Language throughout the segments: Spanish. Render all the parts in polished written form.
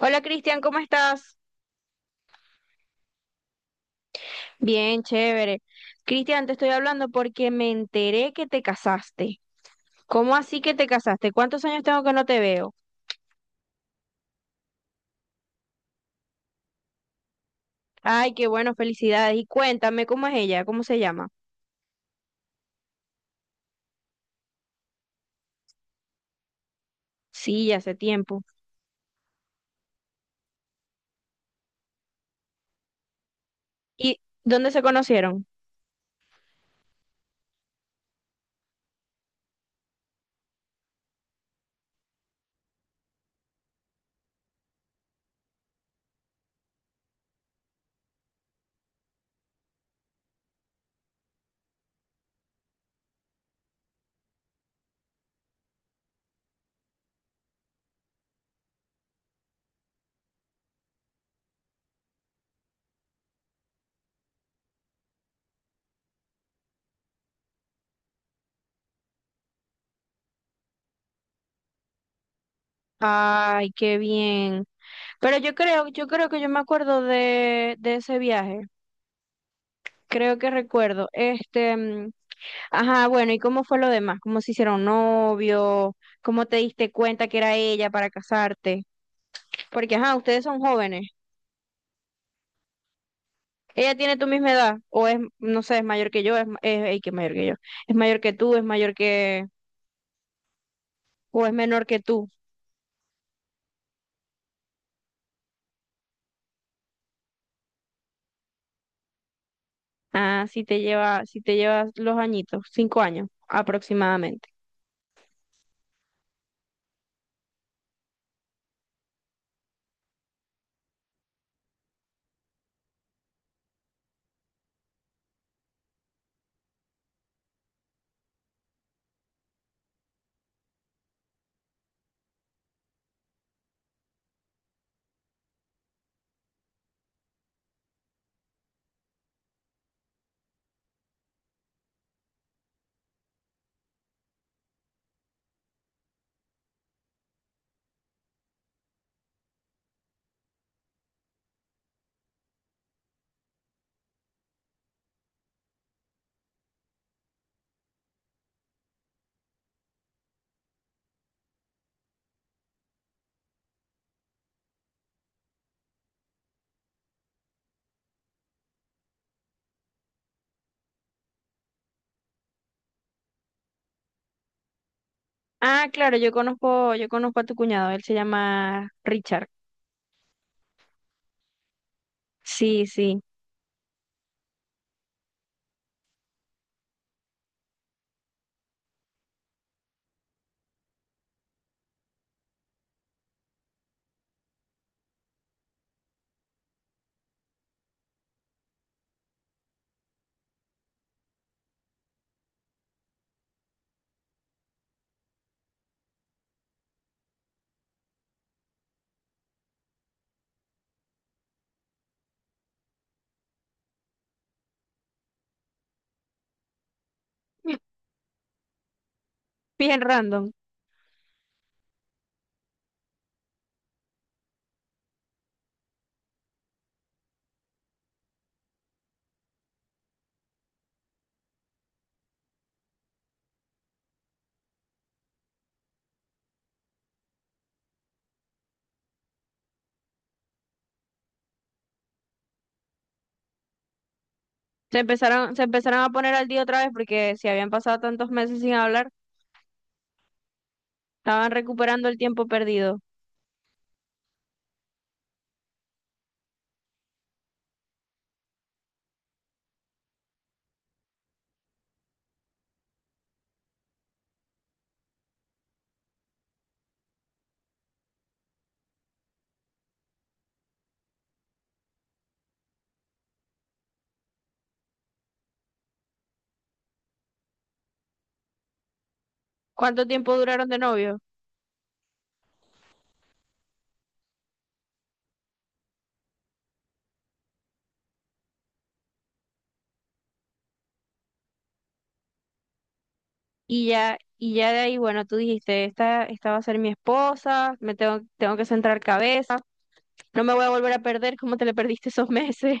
Hola Cristian, ¿cómo estás? Bien, chévere. Cristian, te estoy hablando porque me enteré que te casaste. ¿Cómo así que te casaste? ¿Cuántos años tengo que no te veo? Ay, qué bueno, felicidades. Y cuéntame, ¿cómo es ella? ¿Cómo se llama? Sí, ya hace tiempo. ¿Y dónde se conocieron? Ay, qué bien. Pero yo creo que yo me acuerdo de ese viaje. Creo que recuerdo. Este, ajá, bueno, ¿y cómo fue lo demás? ¿Cómo se hicieron novio? ¿Cómo te diste cuenta que era ella para casarte? Porque, ajá, ustedes son jóvenes. ¿Ella tiene tu misma edad? ¿O es, no sé, es mayor que yo? ¿Es ey, que es mayor que yo? ¿Es mayor que tú? ¿Es mayor que o es menor que tú? Ah, si te llevas los añitos, 5 años aproximadamente. Ah, claro, yo conozco a tu cuñado, él se llama Richard. Sí, sí. Bien random. Se empezaron a poner al día otra vez porque si habían pasado tantos meses sin hablar, estaban recuperando el tiempo perdido. ¿Cuánto tiempo duraron de novio? Y ya de ahí, bueno, tú dijiste, esta va a ser mi esposa, tengo que centrar cabeza, no me voy a volver a perder como te le perdiste esos meses.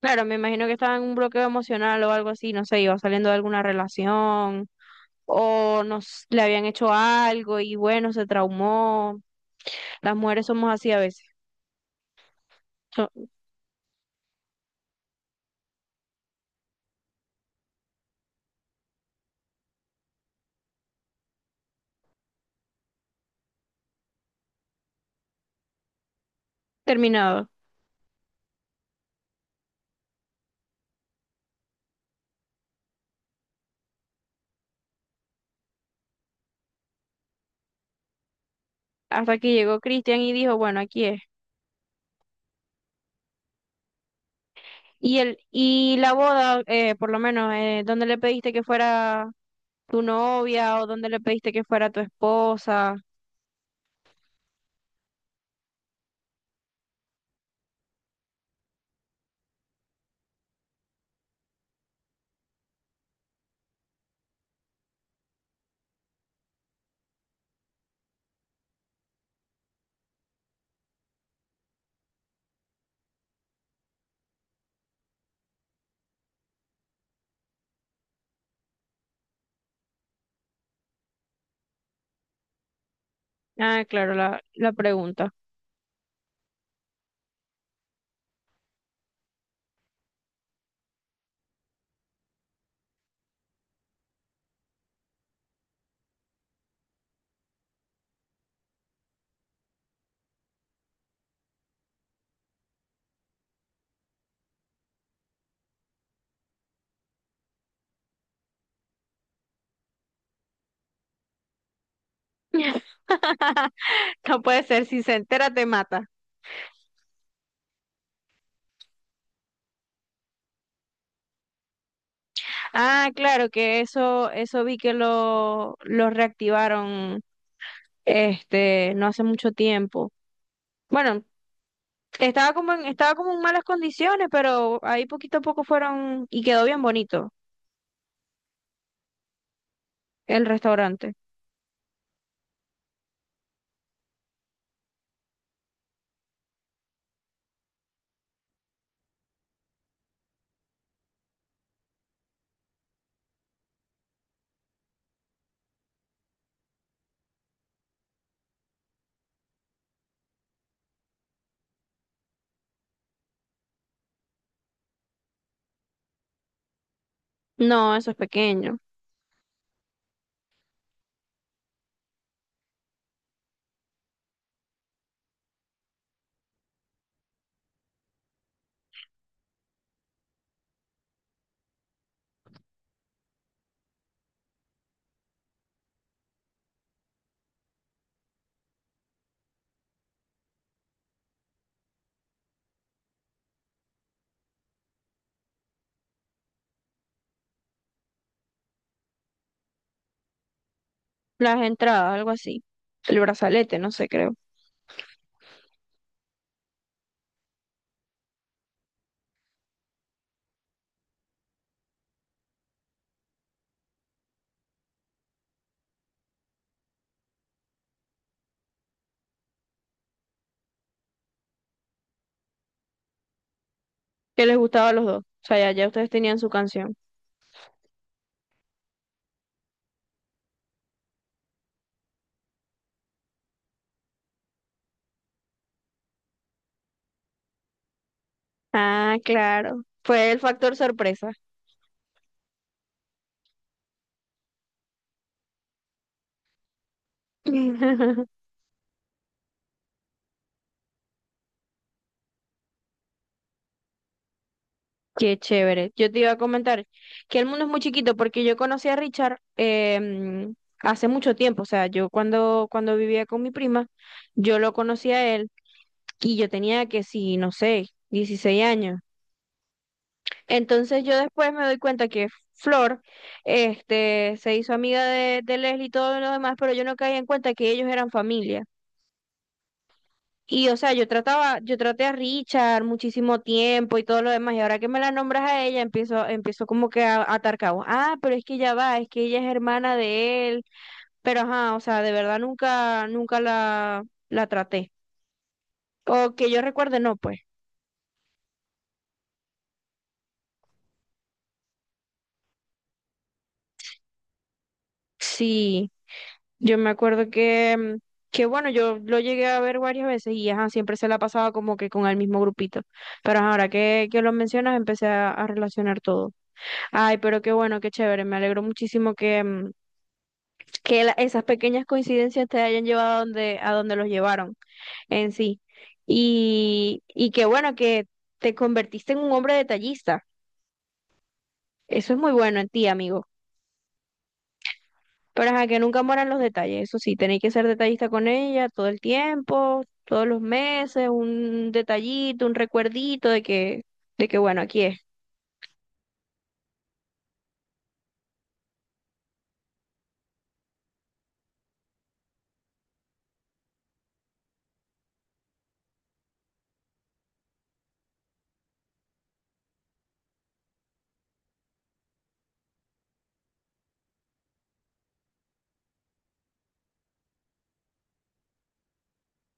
Claro, me imagino que estaba en un bloqueo emocional o algo así, no sé, iba saliendo de alguna relación o nos le habían hecho algo y bueno, se traumó. Las mujeres somos así a veces. So- Terminado. Hasta que llegó Cristian y dijo, bueno, aquí es. Y el y la boda, por lo menos, ¿dónde le pediste que fuera tu novia o dónde le pediste que fuera tu esposa? Ah, claro, la pregunta. No puede ser, si se entera te mata. Ah, claro, que eso vi que lo reactivaron este, no hace mucho tiempo. Bueno, estaba como en malas condiciones, pero ahí poquito a poco fueron y quedó bien bonito. El restaurante. No, eso es pequeño. Las entradas, algo así. El brazalete, no sé, creo. Que les gustaba a los dos. O sea, ya, ya ustedes tenían su canción. Ah, claro. Fue el factor sorpresa. Qué chévere. Yo te iba a comentar que el mundo es muy chiquito porque yo conocí a Richard hace mucho tiempo. O sea, yo cuando vivía con mi prima, yo lo conocí a él y yo tenía que, sí, no sé, 16 años. Entonces yo después me doy cuenta que Flor, este, se hizo amiga de Leslie y todo lo demás, pero yo no caía en cuenta que ellos eran familia. Y o sea, yo traté a Richard muchísimo tiempo y todo lo demás, y ahora que me la nombras a ella, empiezo como que a atar cabos. Ah, pero es que ya va, es que ella es hermana de él. Pero ajá, o sea, de verdad nunca, nunca la traté. O que yo recuerde, no, pues. Sí. Yo me acuerdo que bueno, yo lo llegué a ver varias veces y ajá, siempre se la pasaba como que con el mismo grupito. Pero ajá, ahora que lo mencionas, empecé a relacionar todo. Ay, pero qué bueno, qué chévere. Me alegro muchísimo que esas pequeñas coincidencias te hayan llevado a donde los llevaron en sí. Y qué bueno que te convertiste en un hombre detallista. Eso es muy bueno en ti, amigo. Pero ajá, que nunca mueran los detalles. Eso sí, tenéis que ser detallista con ella todo el tiempo, todos los meses, un detallito, un recuerdito de que bueno, aquí es.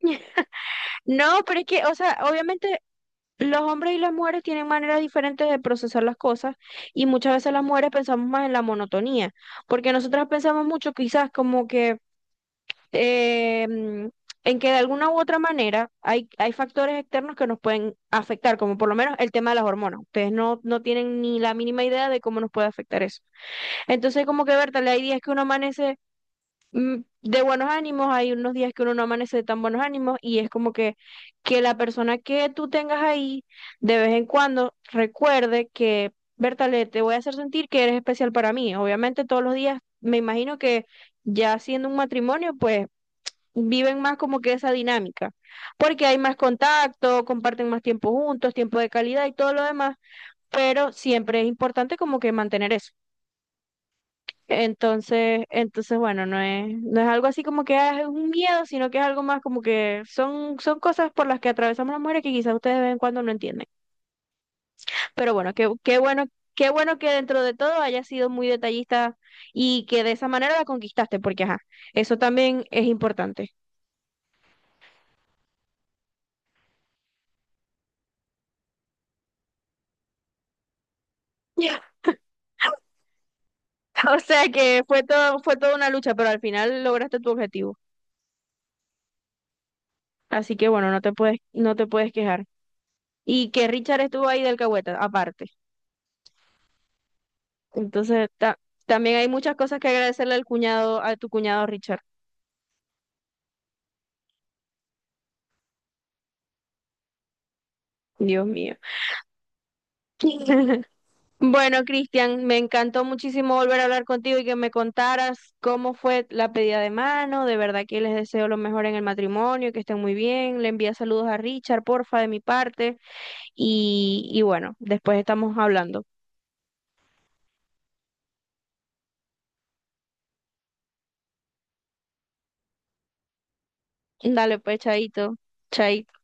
No, pero es que, o sea, obviamente los hombres y las mujeres tienen maneras diferentes de procesar las cosas y muchas veces las mujeres pensamos más en la monotonía, porque nosotras pensamos mucho quizás como que eh, mm, en que de alguna u otra manera hay factores externos que nos pueden afectar, como por lo menos el tema de las hormonas. Ustedes no tienen ni la mínima idea de cómo nos puede afectar eso. Entonces, como que, Berta, hay días que uno amanece mm, de buenos ánimos, hay unos días que uno no amanece de tan buenos ánimos y es como que la persona que tú tengas ahí, de vez en cuando, recuerde que. Bertale, te voy a hacer sentir que eres especial para mí. Obviamente todos los días, me imagino que ya siendo un matrimonio, pues viven más como que esa dinámica, porque hay más contacto, comparten más tiempo juntos, tiempo de calidad y todo lo demás, pero siempre es importante como que mantener eso. Entonces bueno, no es algo así como que es un miedo, sino que es algo más como que son cosas por las que atravesamos las mujeres que quizás ustedes de vez en cuando no entienden. Pero bueno, qué bueno que dentro de todo hayas sido muy detallista y que de esa manera la conquistaste, porque ajá, eso también es importante. O sea que fue toda una lucha, pero al final lograste tu objetivo. Así que bueno, no te puedes quejar. Y que Richard estuvo ahí del alcahueta, aparte. Entonces, también hay muchas cosas que agradecerle al cuñado, a tu cuñado Richard. Dios mío. Bueno, Cristian, me encantó muchísimo volver a hablar contigo y que me contaras cómo fue la pedida de mano. De verdad que les deseo lo mejor en el matrimonio, que estén muy bien. Le envía saludos a Richard, porfa, de mi parte. Y bueno, después estamos hablando. Dale, pues, chaito, chaito.